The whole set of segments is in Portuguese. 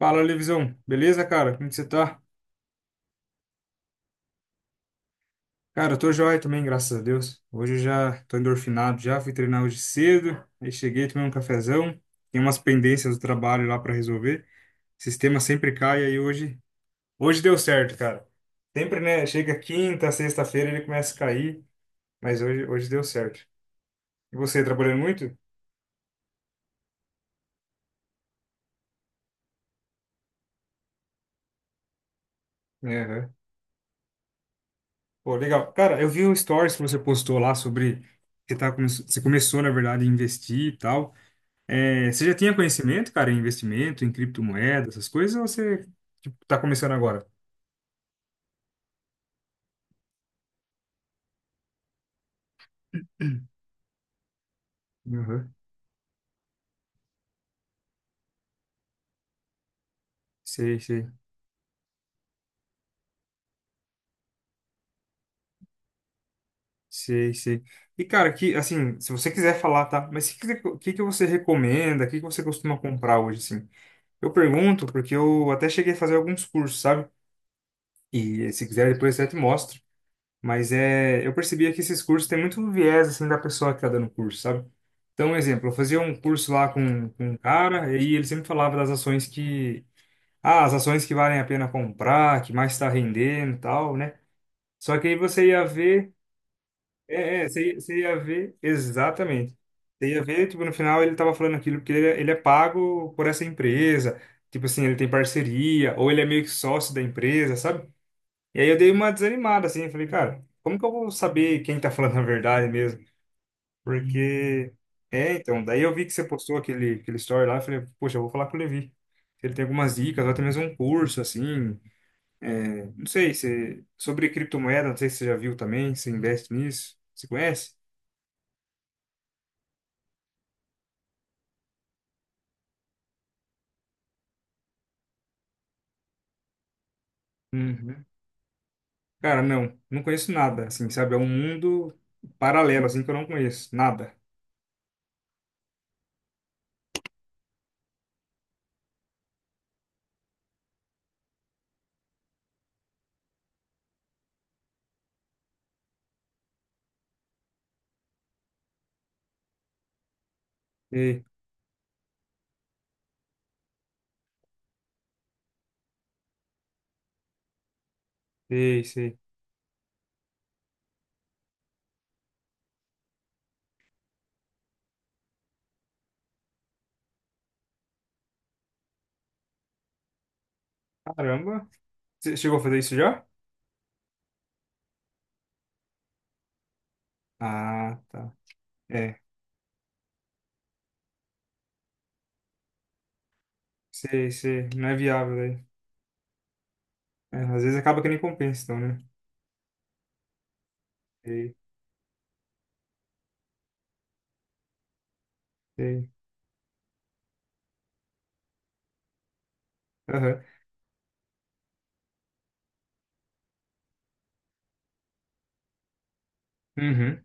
Fala, Levisão. Beleza, cara? Como que você tá? Cara, eu tô joia também, graças a Deus. Hoje eu já tô endorfinado já, fui treinar hoje cedo, aí cheguei, tomei um cafezão, tem umas pendências do trabalho lá pra resolver. O sistema sempre cai, aí hoje, deu certo, cara. Sempre, né? Chega quinta, sexta-feira ele começa a cair, mas hoje, deu certo. E você, trabalhando muito? Aham. Pô, legal. Cara, eu vi um stories que você postou lá sobre você começou, na verdade, a investir e tal. É, você já tinha conhecimento, cara, em investimento, em criptomoeda, essas coisas, ou você, tipo, tá começando agora? Uhum. Sei, sei, sei, sei. E, cara, que, assim, se você quiser falar, tá? Mas o que, que que você recomenda? O que, que você costuma comprar hoje, assim? Eu pergunto porque eu até cheguei a fazer alguns cursos, sabe? E se quiser, depois eu até te mostro. Mas é, eu percebia que esses cursos têm muito viés, assim, da pessoa que tá dando o curso, sabe? Então, um exemplo, eu fazia um curso lá com um cara, e ele sempre falava das ações que, ah, as ações que valem a pena comprar, que mais está rendendo e tal, né? Só que aí você ia ver. É, você, ia ver exatamente. Você ia ver, tipo, no final ele tava falando aquilo porque ele é pago por essa empresa. Tipo assim, ele tem parceria, ou ele é meio que sócio da empresa, sabe? E aí eu dei uma desanimada, assim, eu falei, cara, como que eu vou saber quem tá falando a verdade mesmo? Porque. É, então, daí eu vi que você postou aquele, aquele story lá, eu falei, poxa, eu vou falar com o Levi. Se ele tem algumas dicas, ou até mesmo um curso, assim. Não sei, você... Sobre criptomoeda, não sei se você já viu também, se investe nisso. Você conhece? Uhum. Cara, não, não conheço nada, assim, sabe? É um mundo paralelo, assim, que eu não conheço, nada. Sei, sei, sei. Caramba, você chegou a fazer isso já? Ah, tá. É, sei, sei, não é viável aí. É, às vezes acaba que nem compensa, então, né? Sei, sei. Aham, uhum.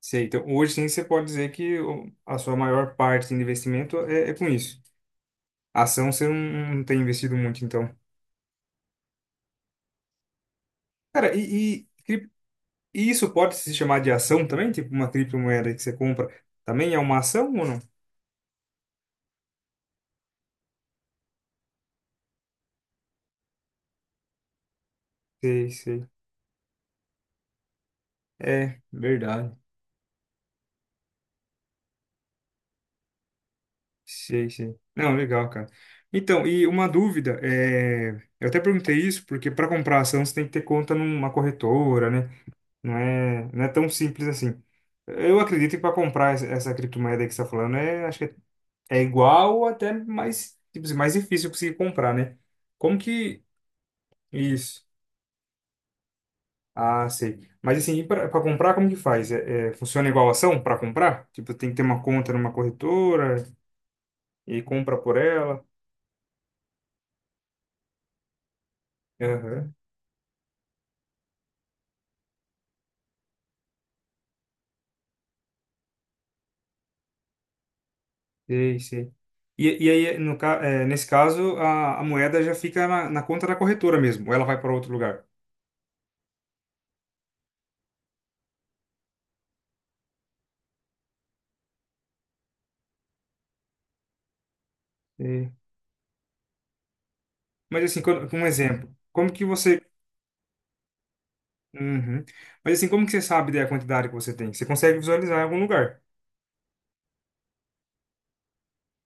Sei, então hoje sim você pode dizer que a sua maior parte assim, de investimento é com isso. Ação você não tem investido muito, então. Cara, e isso pode se chamar de ação também? Tipo, uma criptomoeda que você compra também é uma ação ou não? Sei, sei. É, verdade. Sei, sei. Não, legal, cara. Então, e uma dúvida, é. Eu até perguntei isso porque para comprar ação você tem que ter conta numa corretora, né? Não é tão simples assim. Eu acredito que para comprar essa criptomoeda aí que você está falando, é, acho que é igual ou até mais, tipo, assim, mais difícil conseguir comprar, né? Como que. Isso. Ah, sei. Mas assim, e para comprar, como que faz? É, funciona igual ação para comprar? Tipo, tem que ter uma conta numa corretora e compra por ela. Aham, sei, sei. E aí, no, ca- é, nesse caso, a moeda já fica na conta da corretora mesmo, ou ela vai para outro lugar. Sei. Mas assim, quando, um exemplo, como que você. Uhum. Mas assim, como que você sabe da quantidade que você tem? Você consegue visualizar em algum lugar?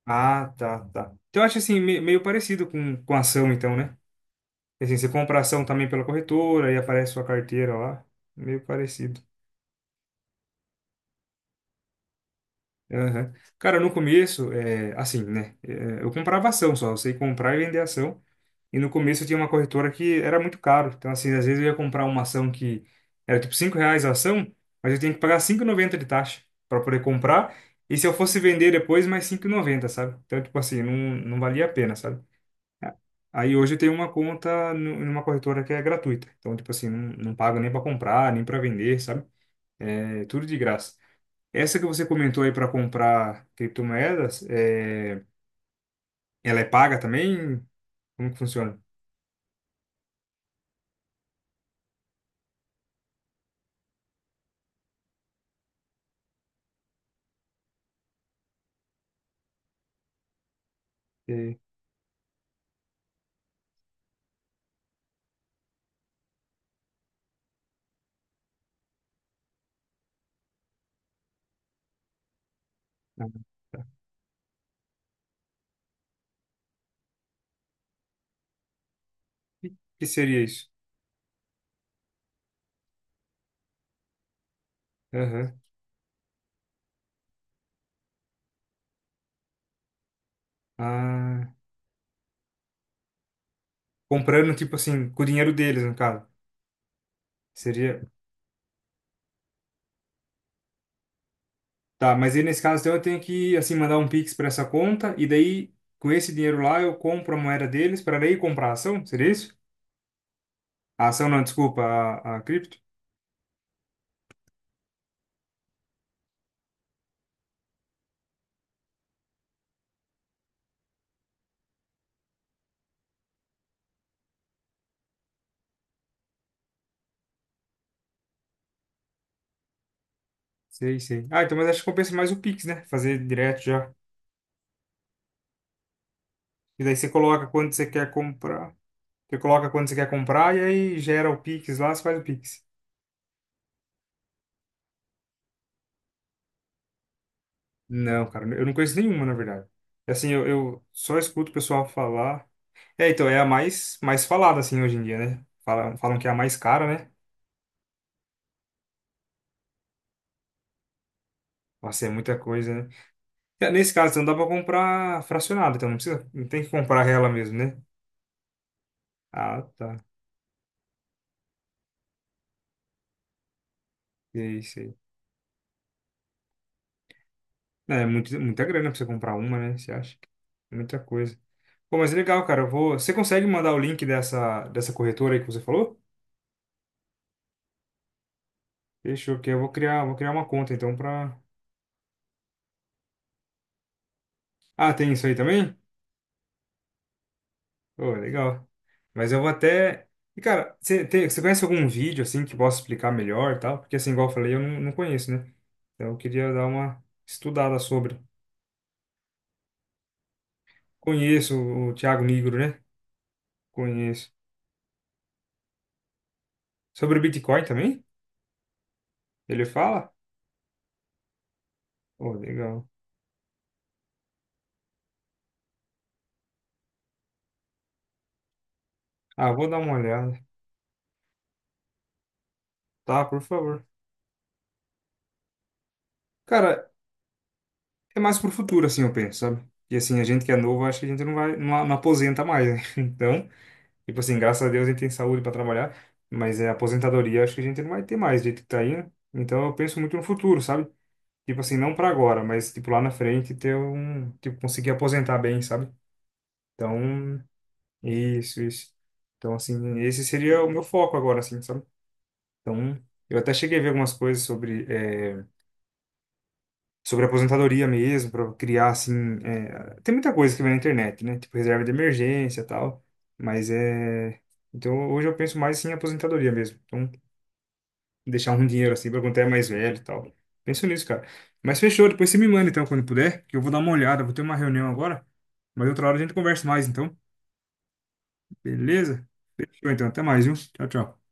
Ah, tá, tá. Então, eu acho assim, meio parecido com ação, então, né? E assim, você compra ação também pela corretora e aparece sua carteira lá. Meio parecido. Aham. Cara, no começo, é, assim, né? É, eu comprava ação só. Eu sei comprar e vender ação. E no começo eu tinha uma corretora que era muito caro. Então, assim, às vezes eu ia comprar uma ação que era tipo R$ 5 a ação, mas eu tinha que pagar 5,90 de taxa para poder comprar. E se eu fosse vender depois, mais 5,90, sabe? Então, tipo assim, não, não valia a pena, sabe? Aí hoje eu tenho uma conta numa corretora que é gratuita. Então, tipo assim, não, não pago nem para comprar, nem para vender, sabe? É tudo de graça. Essa que você comentou aí para comprar criptomoedas, é, ela é paga também? Como que funciona? É, ah, tá. Que que seria isso? Aham. Ah, comprando, tipo assim, com o dinheiro deles, no caso. Seria. Tá, mas aí nesse caso então, eu tenho que, assim, mandar um Pix para essa conta e daí, com esse dinheiro lá, eu compro a moeda deles para daí comprar a ação? Seria isso? A ação não, desculpa, a cripto? Sei, sei. Ah, então, mas acho que compensa mais o Pix, né? Fazer direto já. E daí você coloca quando você quer comprar. Você coloca quando você quer comprar e aí gera o Pix lá, você faz o Pix. Não, cara, eu não conheço nenhuma, na verdade. Assim, eu só escuto o pessoal falar. É, então, é a mais, mais falada, assim, hoje em dia, né? Falam que é a mais cara, né? Nossa, é muita coisa, né? É, nesse caso, então dá pra comprar fracionado, então não precisa, não tem que comprar ela mesmo, né? Ah, tá. Sei, sei. É, muito, muita grana pra você comprar uma, né? Você acha? Muita coisa. Pô, mas é legal, cara. Você consegue mandar o link dessa, dessa corretora aí que você falou? Fechou, que eu vou criar uma conta então pra. Ah, tem isso aí também? Pô, legal. Mas eu vou até. E, cara, você conhece algum vídeo assim que possa explicar melhor e tal? Porque assim, igual eu falei, eu não, não conheço, né? Então eu queria dar uma estudada sobre. Conheço o Thiago Nigro, né? Conheço. Sobre o Bitcoin também? Ele fala? Pô, legal. Ah, vou dar uma olhada. Tá, por favor. Cara, é mais pro futuro, assim, eu penso, sabe? E assim, a gente que é novo, acho que a gente não vai, não, não aposenta mais, né? Então, tipo assim, graças a Deus a gente tem saúde pra trabalhar, mas é aposentadoria, acho que a gente não vai ter mais, do jeito que tá aí, né? Então, eu penso muito no futuro, sabe? Tipo assim, não pra agora, mas tipo lá na frente ter um, tipo, conseguir aposentar bem, sabe? Então, isso, isso. Então, assim, esse seria o meu foco agora, assim, sabe? Então, eu até cheguei a ver algumas coisas sobre aposentadoria mesmo, para criar assim. Tem muita coisa que vem na internet, né? Tipo reserva de emergência e tal. Mas é. Então hoje eu penso mais assim, em aposentadoria mesmo. Então, deixar um dinheiro assim para quando é mais velho e tal. Penso nisso, cara. Mas fechou, depois você me manda então quando puder, que eu vou dar uma olhada, vou ter uma reunião agora. Mas outra hora a gente conversa mais, então. Beleza? Fechou então, até mais, viu? Tchau, tchau.